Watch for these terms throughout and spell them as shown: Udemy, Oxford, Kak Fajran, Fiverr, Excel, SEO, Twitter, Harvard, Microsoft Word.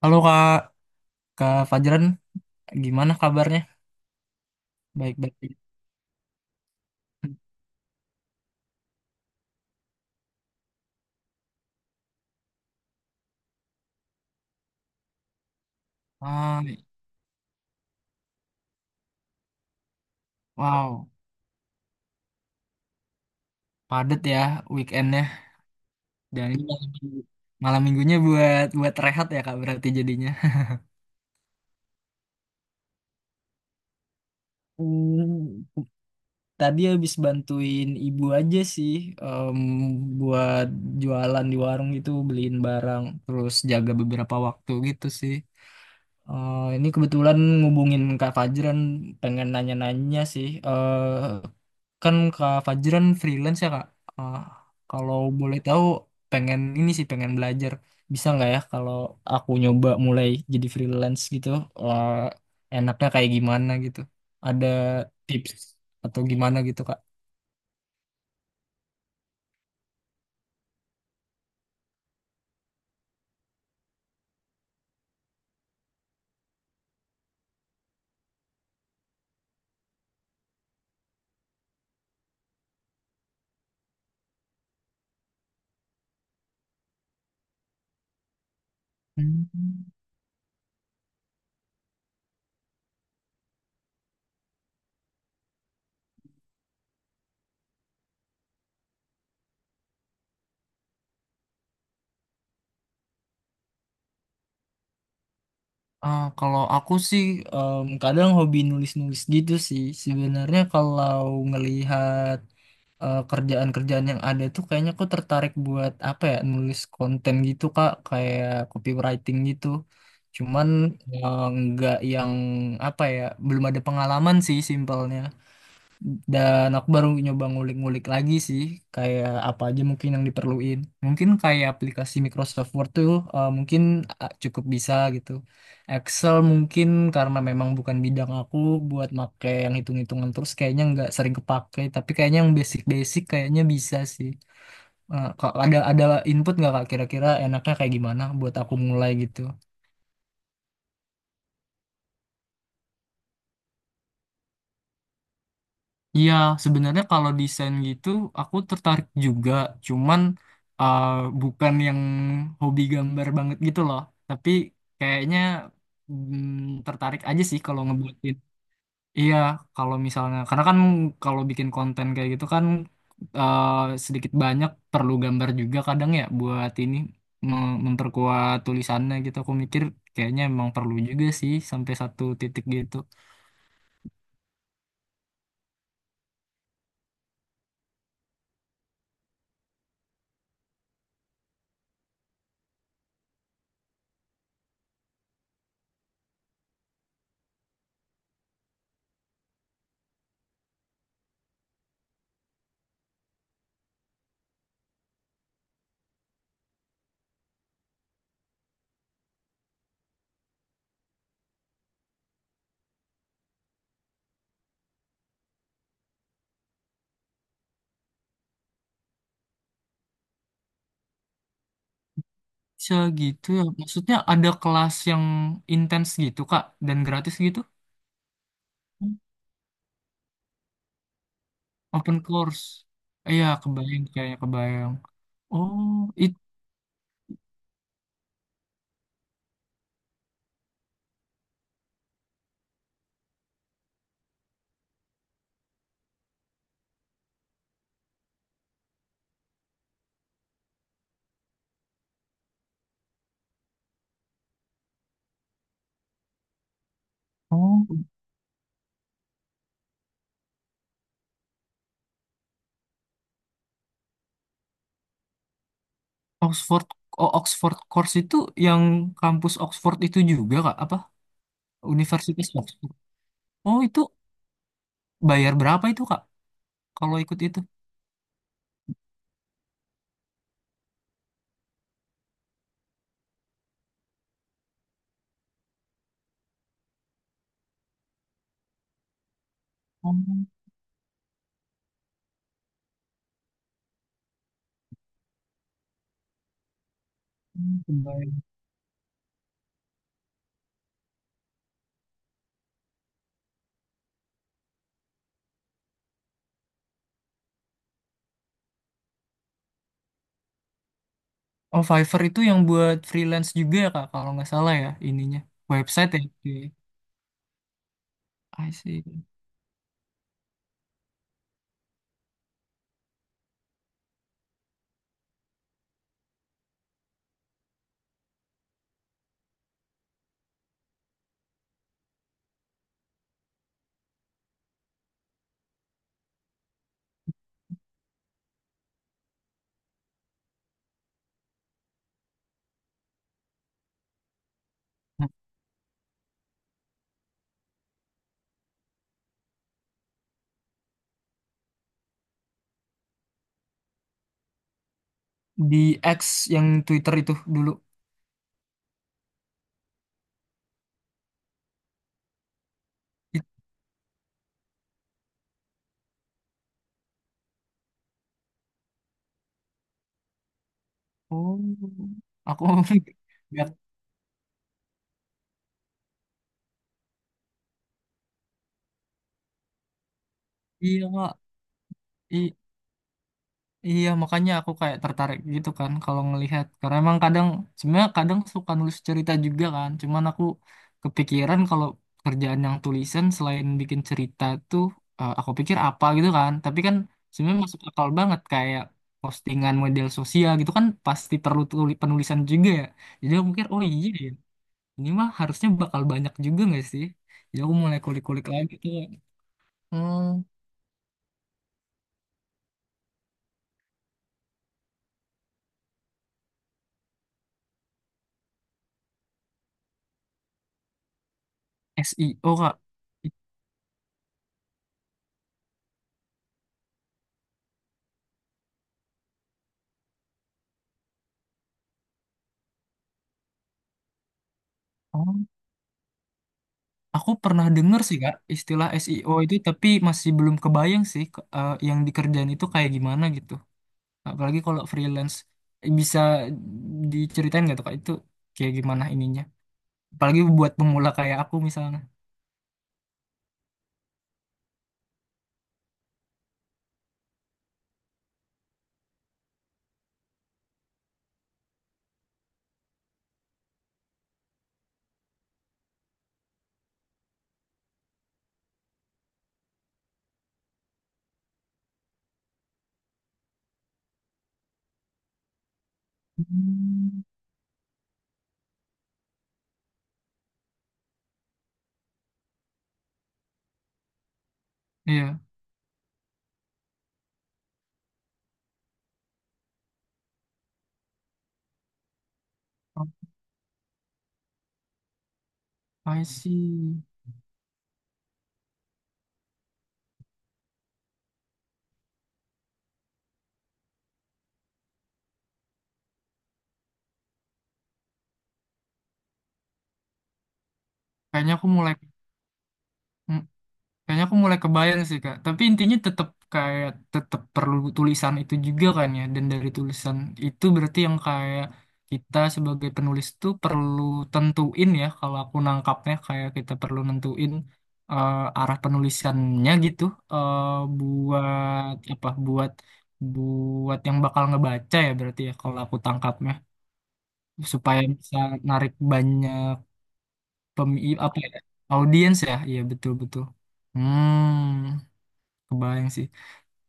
Halo Kak, Kak Fajran, gimana kabarnya? Baik-baik aja. Ah, wow, padat ya weekendnya. Dan ini malam, malam minggunya buat buat rehat ya Kak berarti jadinya. Hmm, Tadi habis bantuin ibu aja sih, em, buat jualan di warung gitu, beliin barang, terus jaga beberapa waktu gitu sih. Ini kebetulan ngubungin Kak Fajran, pengen nanya-nanya sih. Kan Kak Fajran freelance ya Kak. Ah, kalau boleh tahu, pengen ini sih, pengen belajar. Bisa nggak ya kalau aku nyoba mulai jadi freelance gitu? Ah, enaknya kayak gimana gitu? Ada tips atau gimana gitu Kak? Hmm. Ah, kalau aku sih, kadang hobi nulis-nulis gitu sih. Sebenarnya kalau ngelihat kerjaan-kerjaan yang ada tuh kayaknya aku tertarik buat apa ya, nulis konten gitu Kak, kayak copywriting gitu, cuman nggak yang apa ya, belum ada pengalaman sih simpelnya, dan aku baru nyoba ngulik-ngulik lagi sih, kayak apa aja mungkin yang diperluin. Mungkin kayak aplikasi Microsoft Word tuh mungkin cukup bisa gitu. Excel mungkin karena memang bukan bidang aku buat make yang hitung-hitungan, terus kayaknya nggak sering kepake. Tapi kayaknya yang basic-basic kayaknya bisa sih. Eh, kok ada input nggak kak, kira-kira enaknya kayak gimana buat aku mulai gitu? Iya, sebenarnya kalau desain gitu aku tertarik juga, cuman uh, bukan yang hobi gambar banget gitu loh. Tapi kayaknya tertarik aja sih kalau ngebuatin. Iya, kalau misalnya karena kan kalau bikin konten kayak gitu kan, uh, sedikit banyak perlu gambar juga kadang ya, buat ini memperkuat tulisannya gitu. Aku mikir kayaknya emang perlu juga sih sampai satu titik gitu. Bisa gitu ya. Maksudnya ada kelas yang intens gitu, Kak, dan gratis gitu? Open course. Iya, kebayang kayaknya kebayang. Oh, itu, oh, Oxford, oh, Oxford course itu yang kampus Oxford itu juga, Kak, apa? Universitas Oxford. Oh, itu bayar berapa itu, Kak? Kalau ikut itu? Oh, kebayang. Oh, Fiverr itu yang buat freelance juga ya, Kak, kalau nggak salah ya ininya. Website ya. Oke. I see. Nah, di X, yang Twitter itu dulu. It- Oh, aku nggak, iya kak. I- iya, makanya aku kayak tertarik gitu kan kalau ngelihat, karena emang kadang sebenarnya kadang suka nulis cerita juga kan. Cuman aku kepikiran kalau kerjaan yang tulisan selain bikin cerita tuh, aku pikir apa gitu kan. Tapi kan sebenarnya masuk akal banget kayak postingan model sosial gitu kan pasti perlu penulisan juga ya. Jadi aku mikir, oh iya ya. Ini mah harusnya bakal banyak juga nggak sih? Jadi aku mulai kulik-kulik lagi tuh. Hmm, SEO Kak. Oh, aku pernah dengar sih Kak istilah SEO itu, tapi masih belum kebayang sih yang dikerjain itu kayak gimana gitu. Apalagi kalau freelance. Eh, bisa diceritain nggak tuh Kak, itu kayak gimana ininya? Apalagi buat pemula kayak aku misalnya. Hmm. Iya. Oh, I see. Kayaknya aku mulai. Hmm. Kayaknya aku mulai kebayang sih Kak. Tapi intinya tetap kayak tetap perlu tulisan itu juga kan ya. Dan dari tulisan itu berarti yang kayak kita sebagai penulis tuh perlu tentuin ya. Kalau aku nangkapnya kayak kita perlu nentuin arah penulisannya gitu. Eh, buat apa? Buat Buat yang bakal ngebaca ya berarti ya kalau aku tangkapnya, supaya bisa narik banyak pemi apa ya, audiens ya. Iya betul betul. Hmm. Kebayang sih.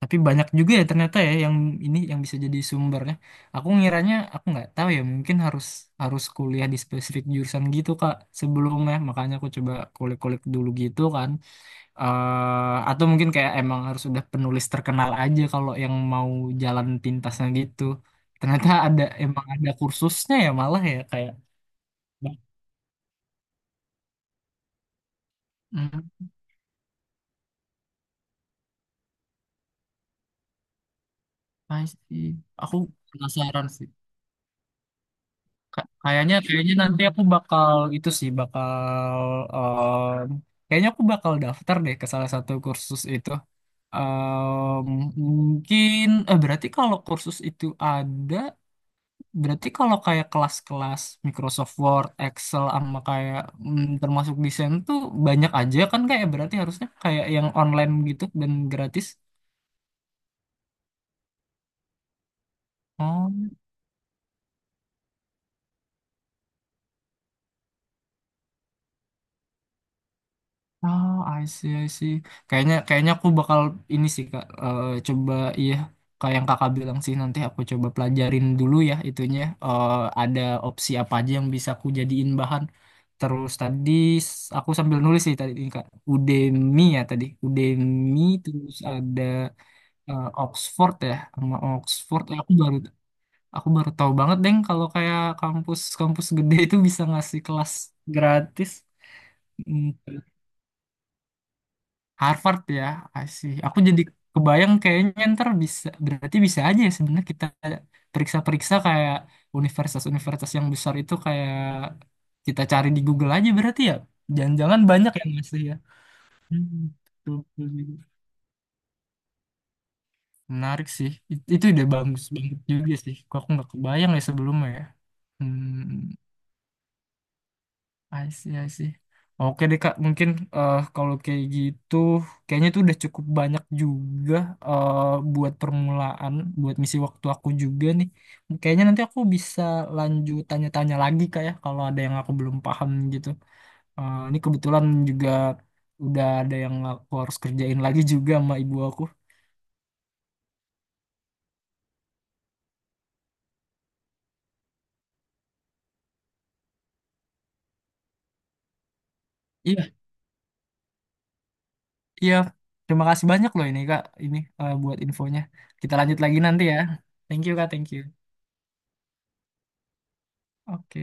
Tapi banyak juga ya ternyata ya yang ini yang bisa jadi sumbernya. Aku ngiranya aku nggak tahu ya, mungkin harus harus kuliah di spesifik jurusan gitu Kak sebelumnya. Makanya aku coba kulik-kulik dulu gitu kan. Eh, atau mungkin kayak emang harus udah penulis terkenal aja kalau yang mau jalan pintasnya gitu. Ternyata ada, emang ada kursusnya ya malah ya kayak. Hmm, pasti. Aku penasaran sih. Kayaknya, kayaknya nanti aku bakal itu sih bakal, em, kayaknya aku bakal daftar deh ke salah satu kursus itu. Em, Mungkin eh, berarti kalau kursus itu ada, berarti kalau kayak kelas-kelas Microsoft Word, Excel sama kayak termasuk desain tuh banyak aja kan, kayak berarti harusnya kayak yang online gitu dan gratis. Oh. Oh, I see, I see. Kayaknya, kayaknya aku bakal ini sih kak. Eh, coba iya, kayak yang kakak bilang sih nanti aku coba pelajarin dulu ya itunya. Eh, ada opsi apa aja yang bisa aku jadiin bahan. Terus tadi, aku sambil nulis sih tadi ini kak. Udemy ya tadi. Udemy, terus ada Oxford ya, sama Oxford. Eh, aku baru tahu banget deng kalau kayak kampus-kampus gede itu bisa ngasih kelas gratis. Hmm. Harvard ya, I see. Aku jadi kebayang kayaknya ntar bisa, berarti bisa aja ya sebenarnya kita periksa-periksa kayak universitas-universitas yang besar itu, kayak kita cari di Google aja berarti ya. Jangan-jangan banyak yang masih ya. Hmm, betul, betul juga. Menarik sih. Itu ide bagus banget juga sih. Kok aku nggak kebayang ya sebelumnya ya. Hmm. I see, I see. Oke deh Kak, mungkin eh, kalau kayak gitu, kayaknya itu udah cukup banyak juga, eh, buat permulaan, buat misi waktu aku juga nih. Kayaknya nanti aku bisa lanjut tanya-tanya lagi Kak ya, kalau ada yang aku belum paham gitu. Eh, ini kebetulan juga udah ada yang aku harus kerjain lagi juga sama ibu aku. Iya, iya. Terima kasih banyak loh ini Kak, ini eh, buat infonya. Kita lanjut lagi nanti ya. Thank you Kak, thank you. Oke.